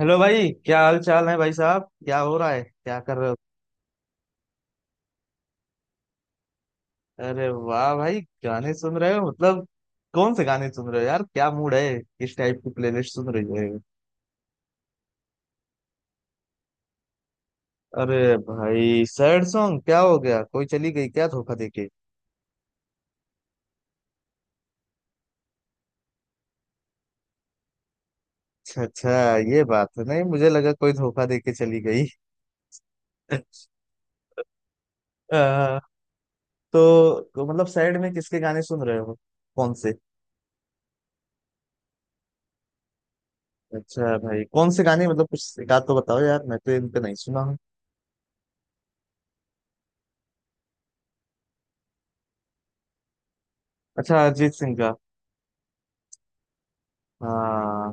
Hello भाई, क्या हाल चाल है भाई साहब? क्या हो रहा है? क्या कर रहे हो? अरे वाह भाई, गाने सुन रहे हो? मतलब कौन से गाने सुन रहे हो यार? क्या मूड है? किस टाइप की प्लेलिस्ट सुन रही है? अरे भाई सैड सॉन्ग? क्या हो गया? कोई चली गई क्या धोखा देके? अच्छा अच्छा। ये बात है। नहीं, मुझे लगा कोई धोखा देके चली गई। अ, तो मतलब सैड में किसके गाने सुन रहे हो? कौन से? अच्छा भाई, कौन से गाने? मतलब कुछ एक आध तो बताओ यार, मैं तो इनका नहीं सुना हूँ। अच्छा अरिजीत सिंह का? हाँ।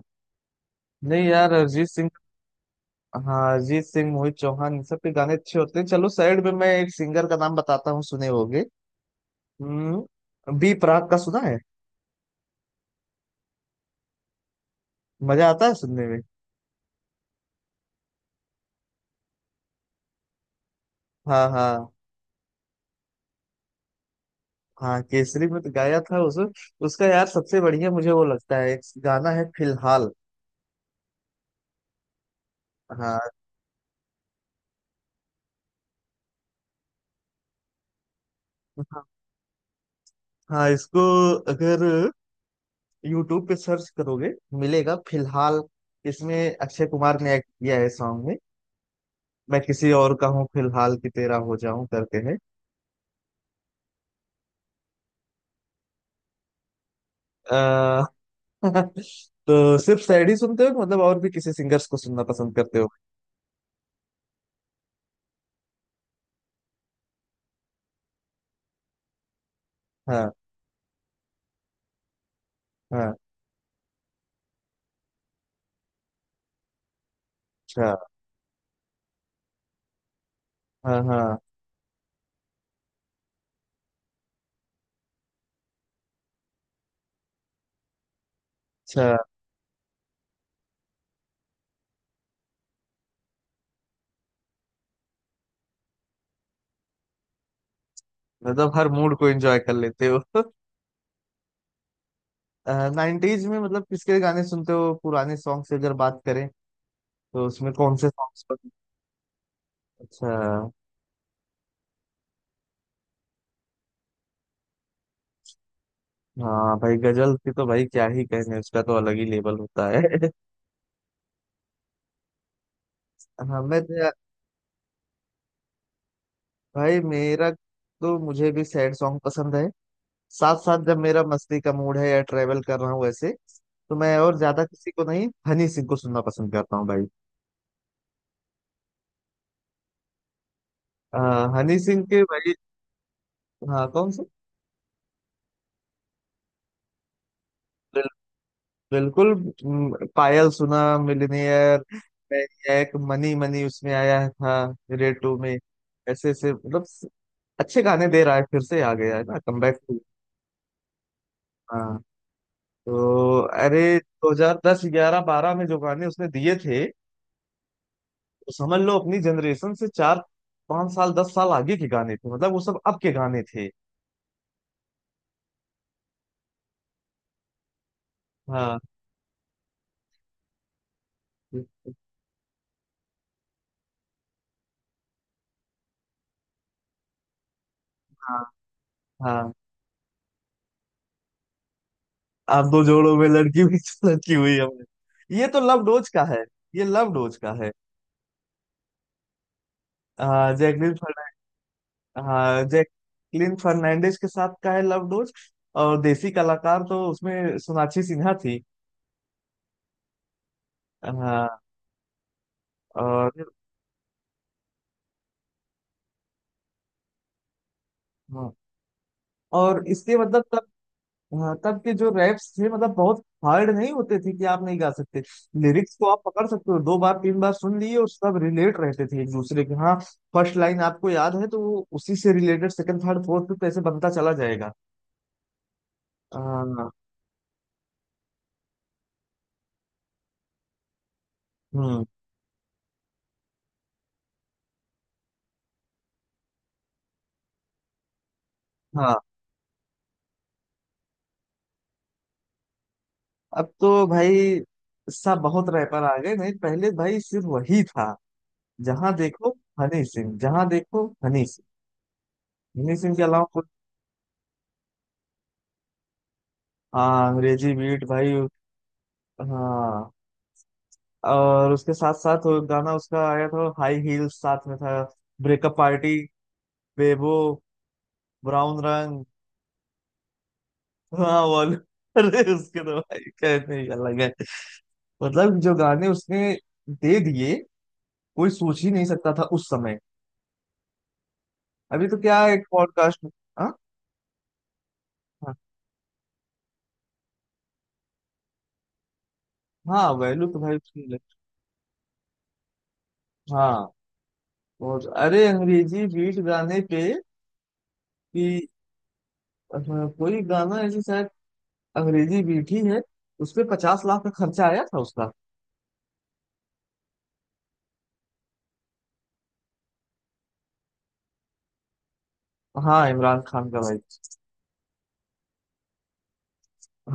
नहीं यार अरिजीत सिंह। हाँ अरिजीत सिंह, मोहित चौहान, इन सब के गाने अच्छे होते हैं। चलो साइड में मैं एक सिंगर का नाम बताता हूँ, सुने होगे। हम्म, बी प्राक का सुना है? मजा आता है सुनने में। हाँ हाँ हाँ केसरी में तो गाया था उस उसका यार सबसे बढ़िया मुझे वो लगता है एक गाना है फिलहाल हाँ। हाँ हाँ, इसको अगर यूट्यूब पे सर्च करोगे, मिलेगा फिलहाल। इसमें अक्षय कुमार ने एक्ट किया है सॉन्ग में। मैं किसी और का हूँ फिलहाल कि तेरा हो जाऊं करके। है। तो सिर्फ सैड ही सुनते हो कि मतलब और भी किसी सिंगर्स को सुनना पसंद करते हो? हाँ हाँ। अच्छा। हाँ हाँ। अच्छा। मतलब हर मूड को एंजॉय कर लेते हो। नाइनटीज में मतलब किसके गाने सुनते हो? पुराने सॉन्ग से अगर बात करें तो उसमें कौन से सॉन्ग्स पसंद? अच्छा। हाँ भाई गजल की तो भाई क्या ही कहने, उसका तो अलग ही लेवल होता है। हाँ मैं तो यार- भाई मेरा तो, मुझे भी सैड सॉन्ग पसंद है। साथ साथ जब मेरा मस्ती का मूड है या ट्रेवल कर रहा हूँ वैसे, तो मैं और ज्यादा किसी को नहीं, हनी सिंह को सुनना पसंद करता हूँ भाई। हनी सिंह के भाई। हाँ, कौन से? बिल, बिल्कुल। पायल सुना मिलनियर। एक मनी मनी उसमें आया था रेड टू में। ऐसे ऐसे मतलब अच्छे गाने दे रहा है, फिर से आ गया है ना, कमबैक टू। हाँ। तो अरे 2010 11 12 में जो गाने उसने दिए थे, तो समझ लो अपनी जनरेशन से चार पांच साल, 10 साल आगे के गाने थे, मतलब वो सब अब के गाने थे। हाँ हाँ हाँ। आप दो जोड़ों में लड़की हुई तो लड़की हुई, हमने, ये तो लव डोज का है। ये लव डोज का है। जैकलिन फर्नांडिस। हाँ, जैकलिन फर्नांडिस के साथ का है लव डोज। और देसी कलाकार तो उसमें सोनाक्षी सिन्हा थी। हाँ। और हाँ, और इसके मतलब। हाँ, तब के जो रैप्स थे मतलब बहुत हार्ड नहीं होते थे कि आप नहीं गा सकते। लिरिक्स को आप पकड़ सकते हो, दो बार तीन बार सुन लिए और सब रिलेट रहते थे एक दूसरे के। हाँ, फर्स्ट लाइन आपको याद है तो वो उसी से related second third fourth fifth ऐसे बनता चला जाएगा। हाँ। हम्म। हाँ। अब तो भाई सब बहुत रैपर आ गए, नहीं पहले भाई सिर्फ वही था। जहाँ देखो हनी सिंह, जहाँ देखो हनी सिंह। हनी सिंह के अलावा कोई- हाँ अंग्रेजी बीट भाई। हाँ, और उसके साथ साथ वो गाना उसका आया था, हाई हील्स साथ में था। Breakup party. बेबो। ब्राउन रंग। हाँ वाल। अरे उसके तो भाई कहने ही अलग है, मतलब जो गाने उसने दे दिए कोई सोच ही नहीं सकता था उस समय। अभी तो क्या है, एक पॉडकास्ट। हाँ हाँ। हाँ, वैल्यू तो भाई उसकी है। हाँ, और अरे अंग्रेजी बीट गाने पे कि अ, कोई गाना ऐसे शायद अंग्रेजी बीट ही है, उस पे 50 लाख का खर्चा आया था उसका। हाँ, इमरान खान का भाई।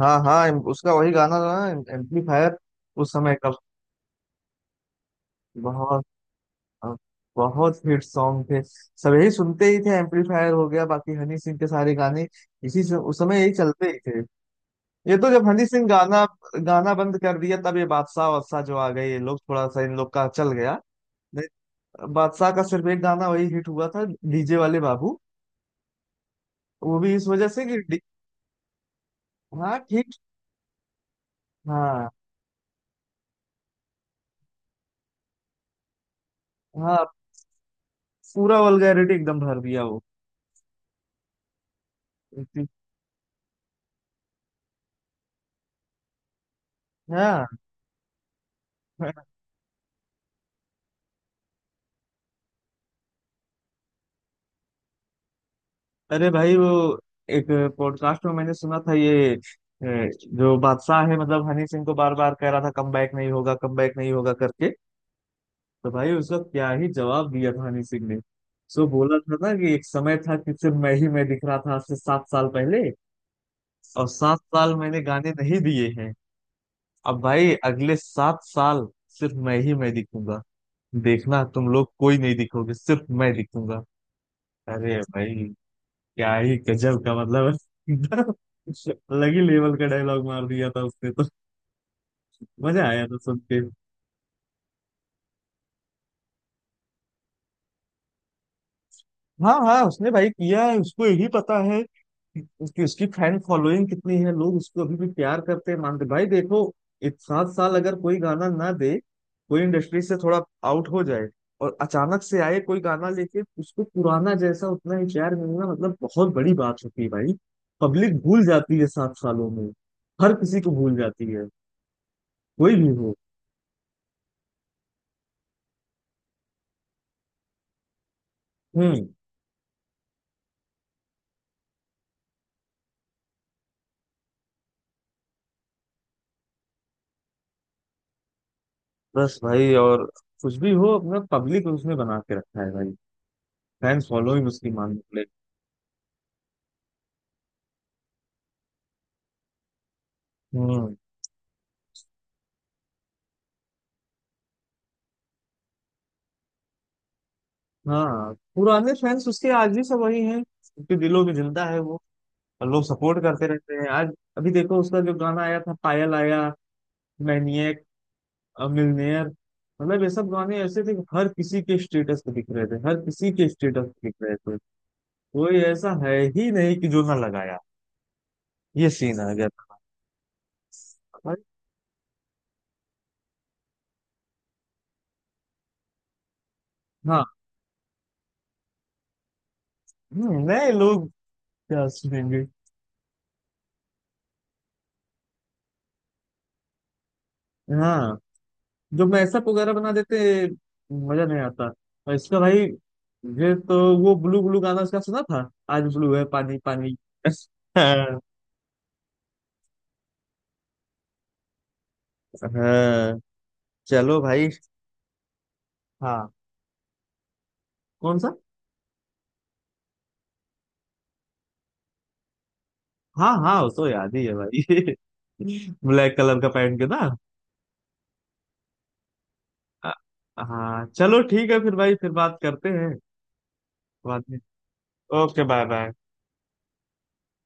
हाँ हाँ, उसका वही गाना था ना एम्पलीफायर, उस समय का। बहुत बहुत हिट सॉन्ग थे, सब यही सुनते ही थे, एम्पलीफायर हो गया बाकी हनी सिंह के सारे गाने, इसी से उस समय यही चलते ही थे। ये तो जब हनी सिंह गाना गाना बंद कर दिया तब ये बादशाह वादशाह जो आ गए ये लोग, थोड़ा सा इन लोग का चल गया। नहीं, बादशाह का सिर्फ एक गाना वही हिट हुआ था, डीजे वाले बाबू। वो भी इस वजह से कि डी- हाँ ठीक। हाँ हाँ, पूरा वल्गैरिटी एकदम भर दिया वो। हाँ, अरे भाई वो एक पॉडकास्ट में मैंने सुना था ये जो बादशाह है, मतलब हनी सिंह को बार बार कह रहा था कम बैक नहीं होगा कम बैक नहीं होगा करके। तो भाई उसका क्या ही जवाब दिया था हनी सिंह ने। सो बोला था ना कि एक समय था कि सिर्फ मैं ही मैं दिख रहा था आज से 7 साल पहले, और 7 साल मैंने गाने नहीं दिए हैं। अब भाई अगले 7 साल सिर्फ मैं ही मैं दिखूंगा, देखना तुम लोग कोई नहीं दिखोगे, सिर्फ मैं दिखूंगा। अरे भाई, क्या ही गजब का मतलब है। अलग ही लेवल का डायलॉग मार दिया था उसने तो, मजा आया था सुन के। हाँ हाँ, उसने भाई किया है, उसको यही पता है कि उसकी फैन फॉलोइंग कितनी है, लोग उसको अभी भी प्यार करते हैं मानते भाई। देखो, एक सात साल अगर कोई गाना ना दे, कोई इंडस्ट्री से थोड़ा आउट हो जाए और अचानक से आए कोई गाना लेके उसको पुराना जैसा उतना ही प्यार मिलना मतलब बहुत बड़ी बात होती है भाई। पब्लिक भूल जाती है 7 सालों में, हर किसी को भूल जाती है, कोई भी हो। हम्म। बस भाई, और कुछ भी हो अपना पब्लिक उसने बना के रखा है भाई, फैंस फॉलोइंग उसकी मान ले। हम्म। हाँ, पुराने फैंस उसके आज भी सब वही हैं, उनके दिलों में जिंदा है वो, और लोग सपोर्ट करते रहते हैं आज। अभी देखो उसका जो गाना आया था, पायल आया, मैनिएक, मिलनेयर, मतलब ये सब गाने ऐसे थे कि हर किसी के स्टेटस पे दिख रहे थे, हर किसी के स्टेटस पे दिख रहे थे। कोई ऐसा है ही नहीं कि जो ना लगाया, ये सीन आ गया था। भाई। हाँ। नए लोग क्या सुनेंगे। हाँ, जो मैसअप वगैरह बना देते मजा नहीं आता। और इसका भाई ये तो वो ब्लू ब्लू गाना इसका सुना था, आज ब्लू है पानी पानी। हाँ। हाँ, चलो भाई। हाँ, कौन सा? हाँ हाँ, वो तो याद ही है भाई। ब्लैक कलर का पहन के ना। हाँ चलो ठीक है, फिर भाई फिर बात करते हैं बाद में। Okay bye bye.